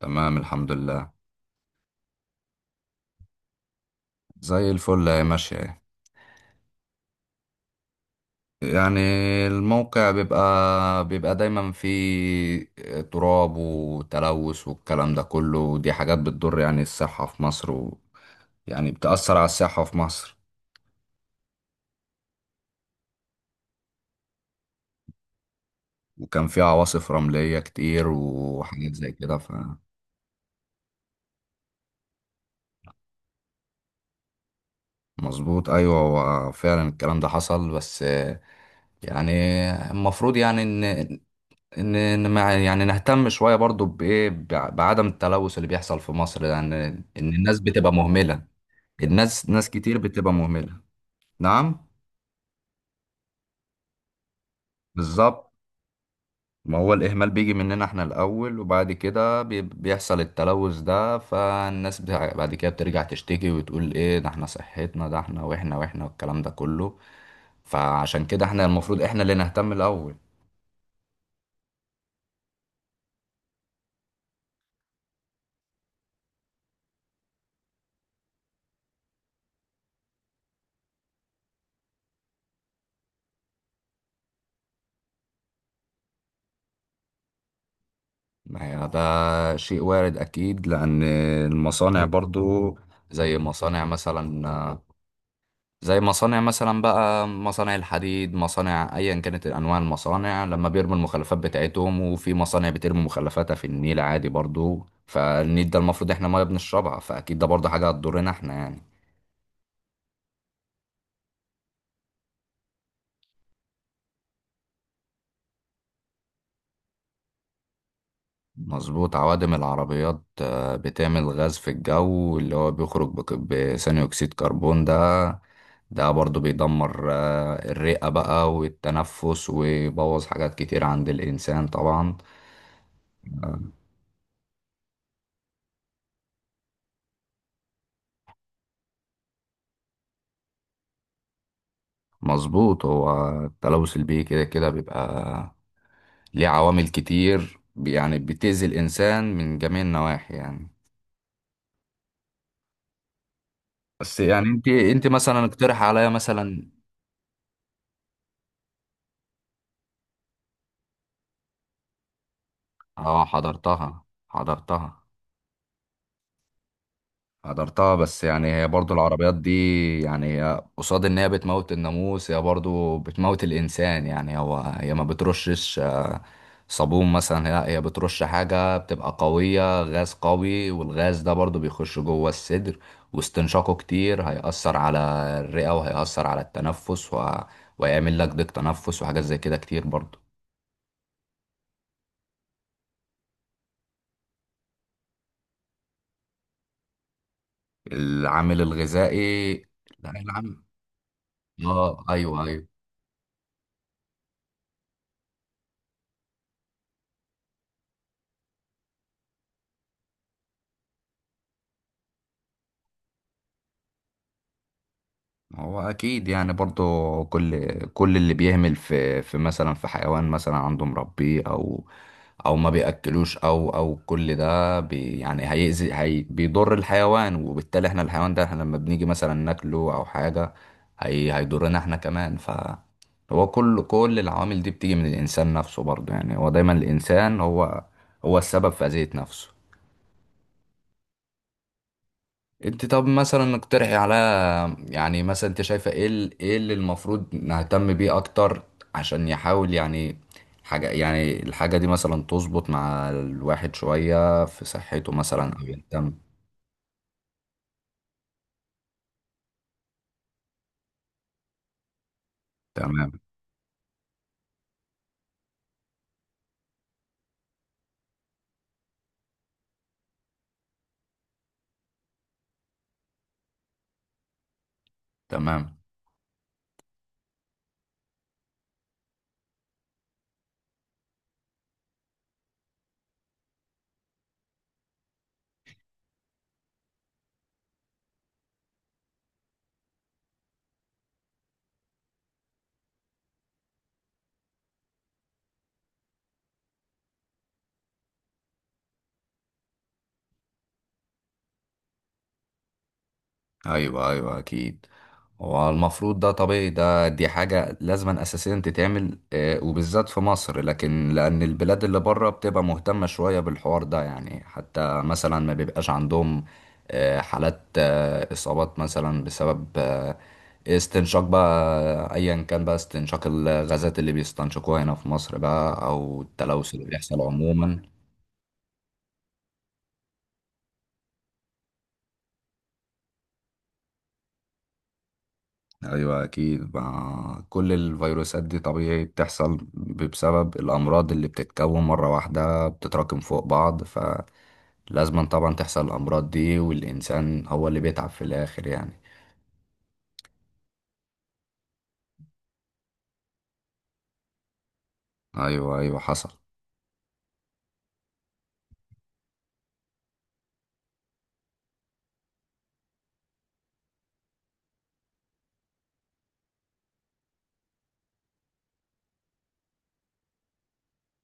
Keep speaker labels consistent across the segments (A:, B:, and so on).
A: تمام، الحمد لله. زي الفل هي ماشية اهي. يعني الموقع بيبقى دايما فيه تراب وتلوث والكلام ده كله، ودي حاجات بتضر يعني الصحة في مصر، يعني بتأثر على الصحة في مصر. وكان في عواصف رملية كتير وحاجات زي كده. ف مظبوط، ايوه، هو فعلا الكلام ده حصل. بس يعني المفروض ان ان إن ما نهتم شويه برضو بعدم التلوث اللي بيحصل في مصر، يعني ان الناس بتبقى مهمله. الناس، ناس كتير بتبقى مهمله. نعم. بالظبط. ما هو الاهمال بيجي مننا احنا الاول، وبعد كده بيحصل التلوث ده، بعد كده بترجع تشتكي وتقول ايه ده، احنا صحتنا، ده احنا، واحنا والكلام ده كله. فعشان كده احنا المفروض احنا اللي نهتم الاول. ما هي ده شيء وارد أكيد، لأن المصانع برضو، زي مصانع مثلا زي مصانع مثلا بقى، مصانع الحديد، مصانع أيا كانت أنواع المصانع، لما بيرموا المخلفات بتاعتهم، وفي مصانع بترمي مخلفاتها في النيل عادي برضو، فالنيل ده المفروض احنا ما بنشربها، فأكيد ده برضو حاجة هتضرنا احنا يعني. مظبوط، عوادم العربيات بتعمل غاز في الجو، اللي هو بيخرج بثاني أكسيد كربون ده، ده برضو بيدمر الرئة بقى والتنفس، ويبوظ حاجات كتير عند الإنسان طبعا. مظبوط، هو التلوث البيئي كده بيبقى ليه عوامل كتير، يعني بتأذي الإنسان من جميع النواحي يعني. بس يعني انت مثلا اقترح عليا مثلا. اه، حضرتها حضرتها. بس يعني هي برضو العربيات دي، يعني هي قصاد ان هي بتموت الناموس، هي برضو بتموت الانسان يعني. هو هي ما بترشش صابون مثلا، هي بترش حاجة بتبقى قوية، غاز قوي، والغاز ده برضو بيخش جوه الصدر، واستنشاقه كتير هيأثر على الرئة، وهيأثر على التنفس، ويعمل لك ضيق تنفس وحاجات زي كده كتير برضو. العامل الغذائي؟ لا، العامل. اه، ايوه. هو اكيد يعني برضو كل اللي بيهمل في مثلا في حيوان مثلا عنده مربيه، او ما بياكلوش، او كل ده يعني هيأذي، بيضر الحيوان، وبالتالي احنا الحيوان ده احنا لما بنيجي مثلا ناكله او حاجه، هيضرنا احنا كمان. ف هو كل العوامل دي بتيجي من الانسان نفسه برضو، يعني هو دايما الانسان هو هو السبب في اذية نفسه. انت طب مثلا اقترحي على، يعني مثلا انت شايفه ايه اللي المفروض نهتم بيه اكتر، عشان يحاول يعني حاجه، يعني الحاجه دي مثلا تظبط مع الواحد شويه في صحته مثلا، او يهتم. تمام. تمام. ايوه اكيد. هو المفروض ده طبيعي، ده دي حاجة لازما اساسيا تتعمل وبالذات في مصر، لكن لان البلاد اللي بره بتبقى مهتمة شوية بالحوار ده يعني، حتى مثلا ما بيبقاش عندهم حالات اصابات مثلا بسبب استنشاق بقى ايا كان بقى، استنشاق الغازات اللي بيستنشقوها هنا في مصر بقى، او التلوث اللي بيحصل عموما. ايوه اكيد، مع كل الفيروسات دي طبيعي بتحصل بسبب الامراض اللي بتتكون مره واحده، بتتراكم فوق بعض، فلازم طبعا تحصل الامراض دي، والانسان هو اللي بيتعب في الاخر يعني. ايوه حصل.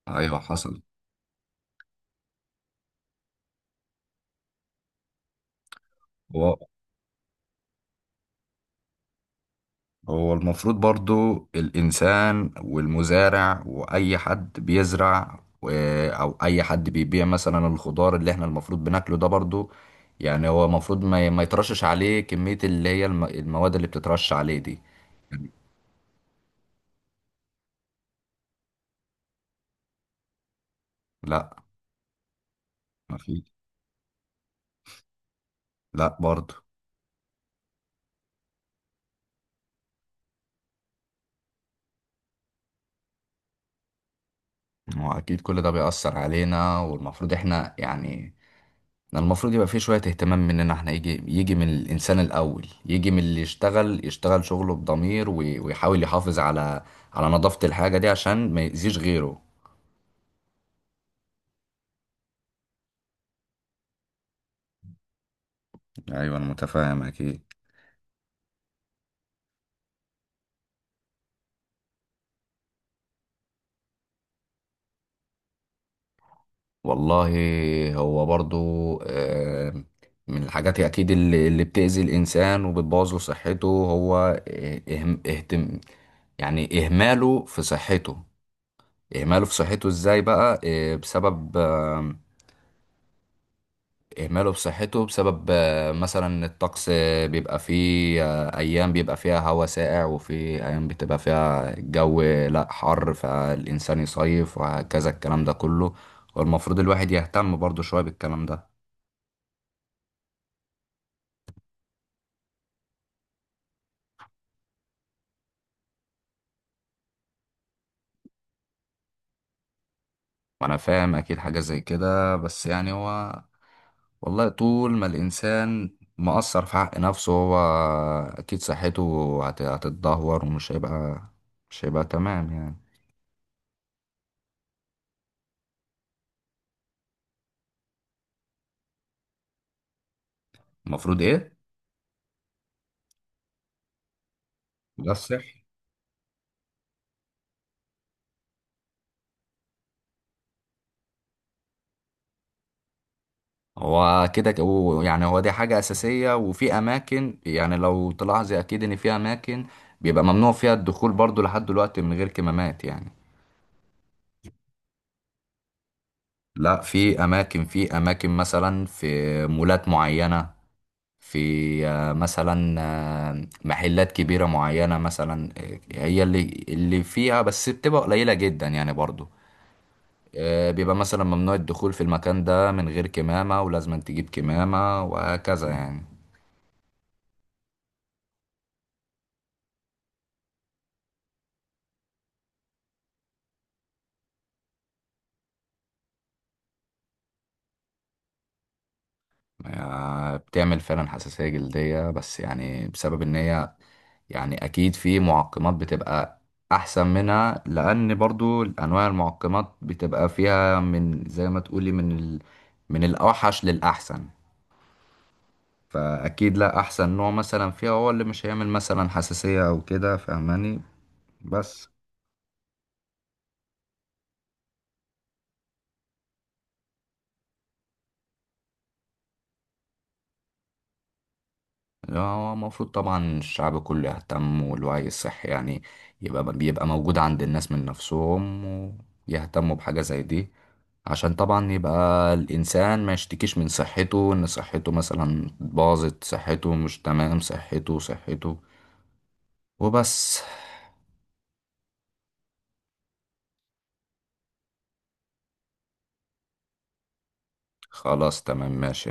A: ايوه حصل. هو هو المفروض برضو الإنسان والمزارع وأي حد بيزرع أو أي حد بيبيع مثلا الخضار اللي احنا المفروض بناكله ده برضو، يعني هو المفروض ما يترشش عليه كمية، اللي هي المواد اللي بتترش عليه دي يعني. لا. ما في. لا برضو. هو أكيد كل ده بيأثر علينا، والمفروض احنا يعني، يعني المفروض يبقى فيه شوية اهتمام مننا احنا، يجي من الإنسان الأول، يجي من اللي يشتغل، يشتغل شغله بضمير، ويحاول يحافظ على على نظافة الحاجة دي عشان ما يأذيش غيره. ايوه انا متفاهم اكيد. والله هو برضو آه، من الحاجات أكيد اللي بتأذي الإنسان وبتبوظ له صحته، هو اهتم يعني إهماله في صحته. إهماله في صحته إزاي بقى بسبب إهماله بصحته، بسبب مثلا الطقس، بيبقى فيه أيام بيبقى فيها هواء ساقع، وفي أيام بتبقى فيها الجو لأ حر، فالإنسان يصيف وهكذا الكلام ده كله، والمفروض الواحد يهتم برضه شوية بالكلام ده. وأنا فاهم أكيد حاجة زي كده، بس يعني هو، والله طول ما الإنسان مقصر في حق نفسه، هو أكيد صحته هتتدهور، ومش هيبقى، مش هيبقى تمام يعني. المفروض إيه؟ ده الصح. هو كده يعني هو دي حاجة أساسية، وفي أماكن، يعني لو تلاحظي أكيد إن في أماكن بيبقى ممنوع فيها الدخول برضو لحد دلوقتي من غير كمامات يعني. لا، في أماكن، في أماكن مثلا في مولات معينة، في مثلا محلات كبيرة معينة مثلا، هي اللي فيها، بس بتبقى قليلة جدا يعني برضو. بيبقى مثلا ممنوع الدخول في المكان ده من غير كمامة، ولازم تجيب كمامة وهكذا يعني. بتعمل فعلا حساسية جلدية، بس يعني بسبب ان هي، يعني اكيد في معقمات بتبقى احسن منها، لان برضو انواع المعقمات بتبقى فيها، من زي ما تقولي من الاوحش للاحسن، فاكيد لا، احسن نوع مثلا فيها هو اللي مش هيعمل مثلا حساسية او كده، فاهماني؟ بس. هو المفروض طبعا الشعب كله يهتم، والوعي الصحي يعني يبقى، بيبقى موجود عند الناس من نفسهم، ويهتموا بحاجة زي دي، عشان طبعا يبقى الإنسان ما يشتكيش من صحته، إن صحته مثلا باظت، صحته مش تمام، صحته وبس. خلاص، تمام، ماشي.